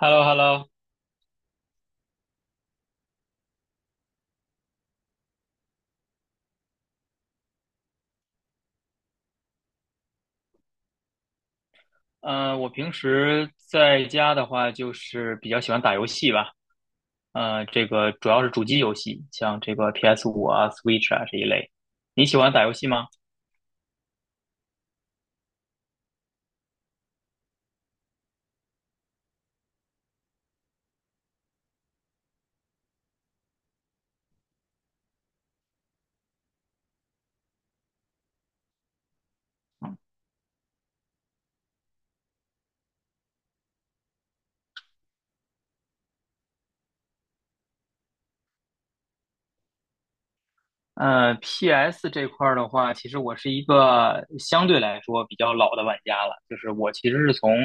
h e l l o h e l l o。 嗯，我平时在家的话，就是比较喜欢打游戏吧。这个主要是主机游戏，像这个 PS5啊、Switch 啊这一类。你喜欢打游戏吗？P s 这块儿的话，其实我是一个相对来说比较老的玩家了。就是我其实是从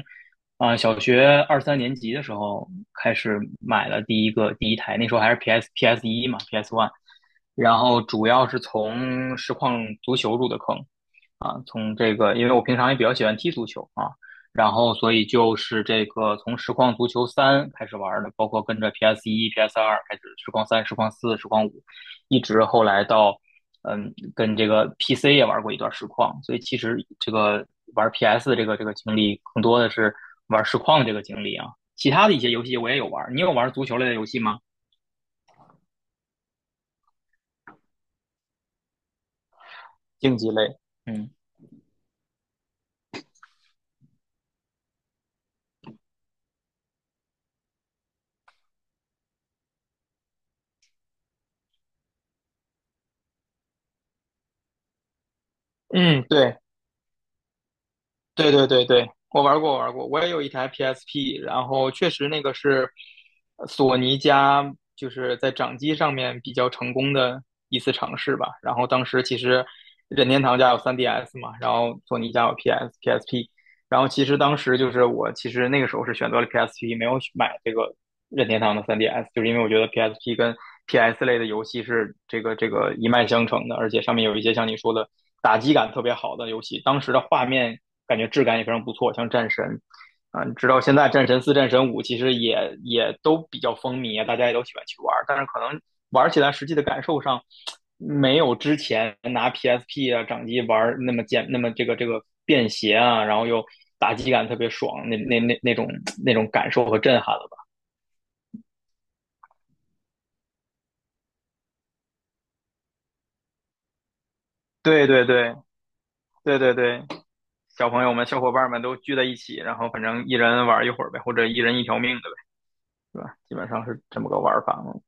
小学二三年级的时候开始买了第一台。那时候还是 PS1嘛，PS One。然后主要是从实况足球入的坑。从这个，因为我平常也比较喜欢踢足球啊，然后所以就是这个从实况足球三开始玩的，包括跟着 PS 一、PS 二开始实况三、实况四、实况五，一直后来到跟这个 PC 也玩过一段实况。所以其实这个玩 PS 的这个经历更多的是玩实况这个经历啊。其他的一些游戏我也有玩。你有玩足球类的游戏吗？竞技类。嗯嗯。对，对对对对，我玩过，我玩过。我也有一台 PSP。然后确实那个是索尼家就是在掌机上面比较成功的一次尝试吧。然后当时其实任天堂家有 3DS 嘛。然后索尼家有 PS、PSP。然后其实当时就是我其实那个时候是选择了 PSP，没有买这个任天堂的 3DS，就是因为我觉得 PSP 跟 PS 类的游戏是这个一脉相承的。而且上面有一些像你说的打击感特别好的游戏，当时的画面感觉质感也非常不错，像《战神》。啊，直到现在，战神四、战神五其实也都比较风靡啊，大家也都喜欢去玩儿。但是可能玩起来实际的感受上，没有之前拿 PSP 啊掌机玩那么这个便携啊，然后又打击感特别爽，那种感受和震撼了吧？对对对对对对。小朋友们、小伙伴们都聚在一起，然后反正一人玩一会儿呗，或者一人一条命的呗，是吧？基本上是这么个玩法嘛。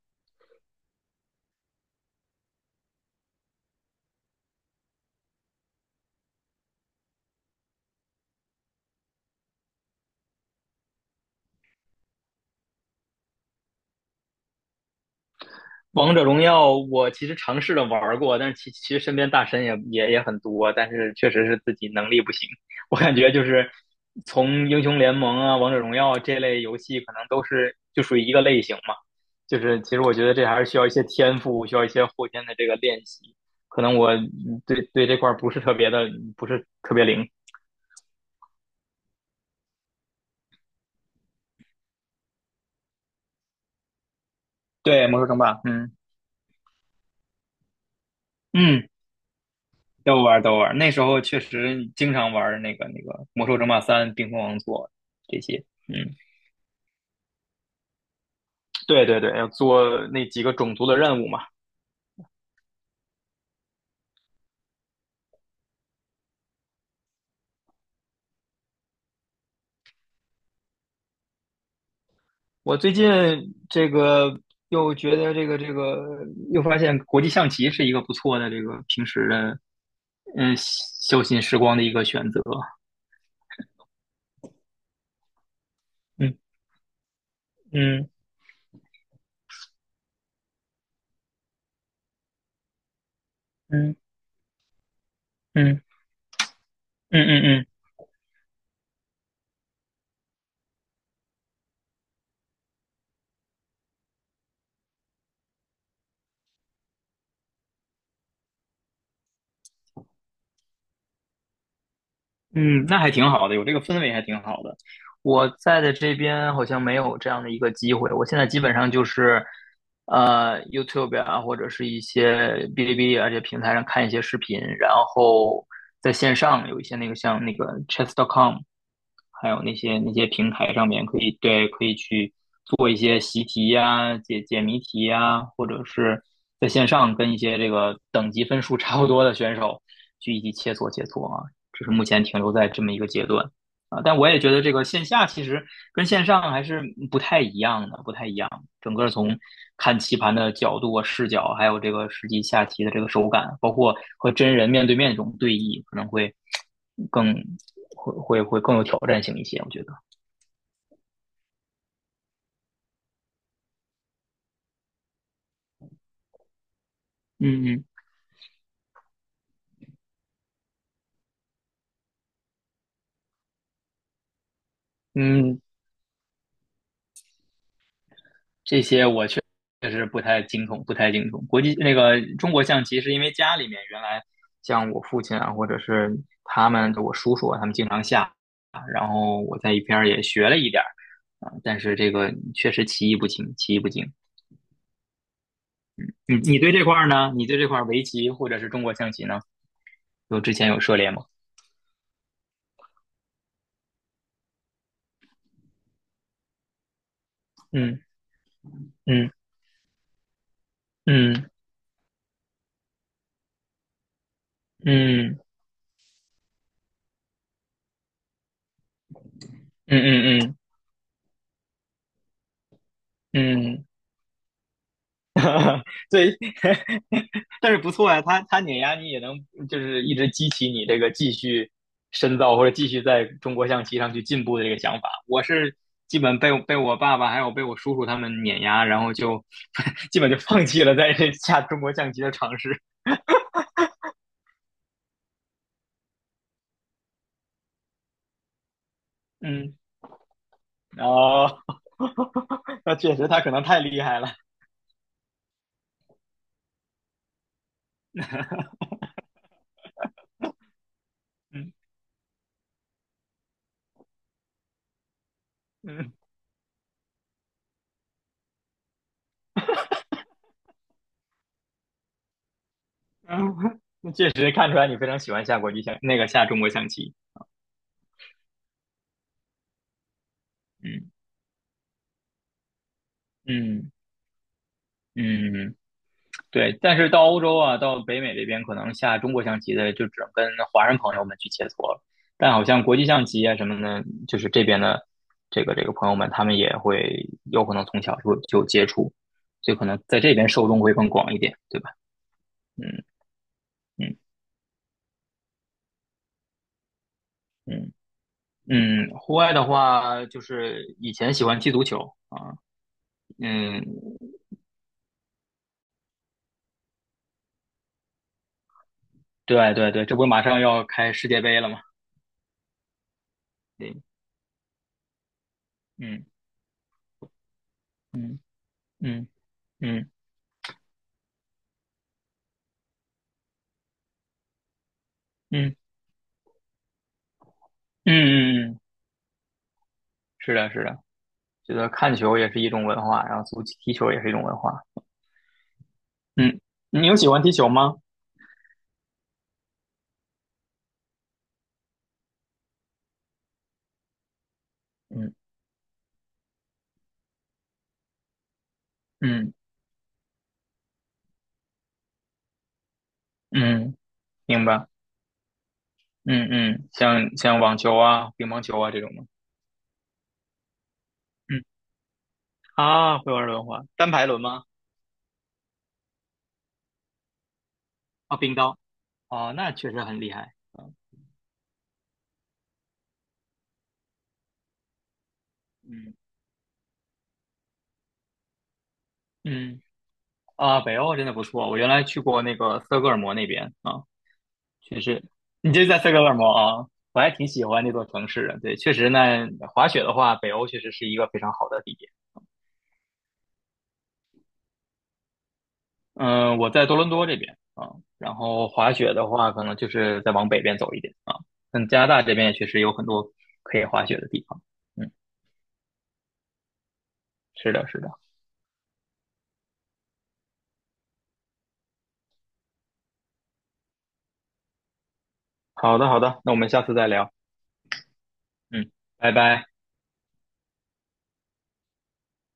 王者荣耀我其实尝试着玩儿过，但是其实身边大神也很多，但是确实是自己能力不行。我感觉就是从英雄联盟啊、王者荣耀这类游戏，可能都是就属于一个类型嘛。就是其实我觉得这还是需要一些天赋，需要一些后天的这个练习。可能我对对这块儿不是特别灵。对，魔兽争霸。嗯嗯。都玩儿都玩儿，那时候确实经常玩儿那个魔兽争霸三、冰封王座这些。嗯。对对对，要做那几个种族的任务嘛。我最近这个又觉得这个这个又发现国际象棋是一个不错的平时的休闲时光的一个选择。嗯嗯嗯嗯嗯嗯嗯嗯。嗯，那还挺好的，有这个氛围还挺好的。我在的这边好像没有这样的一个机会。我现在基本上就是，YouTube 啊，或者是一些哔哩哔哩啊这些平台上看一些视频，然后在线上有一些那个像那个 Chess.com，还有那些平台上面可以可以去做一些习题呀、解解谜题呀，或者是在线上跟一些这个等级分数差不多的选手去一起切磋切磋啊。只是目前停留在这么一个阶段啊。但我也觉得这个线下其实跟线上还是不太一样的，不太一样。整个从看棋盘的角度啊、视角，还有这个实际下棋的这个手感，包括和真人面对面这种对弈，可能会更会会会更有挑战性一些。我觉得。嗯嗯嗯，这些我确实不太精通，不太精通。国际那个中国象棋是因为家里面原来像我父亲啊，或者是我叔叔啊，他们经常下，然后我在一边儿也学了一点儿啊，但是这个确实棋艺不精，棋艺不精。你对这块儿呢？你对这块儿围棋或者是中国象棋呢？之前有涉猎吗？嗯嗯嗯嗯嗯嗯嗯嗯嗯。嗯嗯嗯 对。但是不错呀，他碾压你也能就是一直激起你这个继续深造或者继续在中国象棋上去进步的这个想法。我是基本被我爸爸还有被我叔叔他们碾压，然后就 基本就放弃了在这 下中国象棋的尝试。嗯，哦，那确实他可能太厉害了。嗯嗯嗯，那确实看出来你非常喜欢下国际象那个下中国象棋。嗯嗯嗯。嗯对，但是到欧洲啊，到北美这边，可能下中国象棋的就只能跟华人朋友们去切磋了。但好像国际象棋啊什么的，就是这边的这个朋友们，他们也会有可能从小就接触，所以可能在这边受众会更广一点，对吧？嗯嗯嗯嗯，户外的话，就是以前喜欢踢足球啊。嗯，对对对，这不马上要开世界杯了吗？对。嗯嗯嗯嗯嗯嗯嗯。是的，是的。觉得看球也是一种文化，然后足球踢球也是一种文化。嗯，你有喜欢踢球吗？嗯嗯嗯，明白。嗯嗯，像网球啊、乒乓球啊这种吗？嗯啊，会玩轮滑，单排轮吗？啊，冰刀。啊，那确实很厉害。嗯嗯啊，北欧真的不错。我原来去过那个斯德哥尔摩那边啊。确实，你这在斯德哥尔摩啊。我还挺喜欢那座城市的。对，确实呢，滑雪的话，北欧确实是一个非常好的地点。嗯，我在多伦多这边啊，然后滑雪的话，可能就是再往北边走一点啊。但加拿大这边也确实有很多可以滑雪的地方。嗯，是的，是的。好的，好的，那我们下次再聊。嗯，拜拜。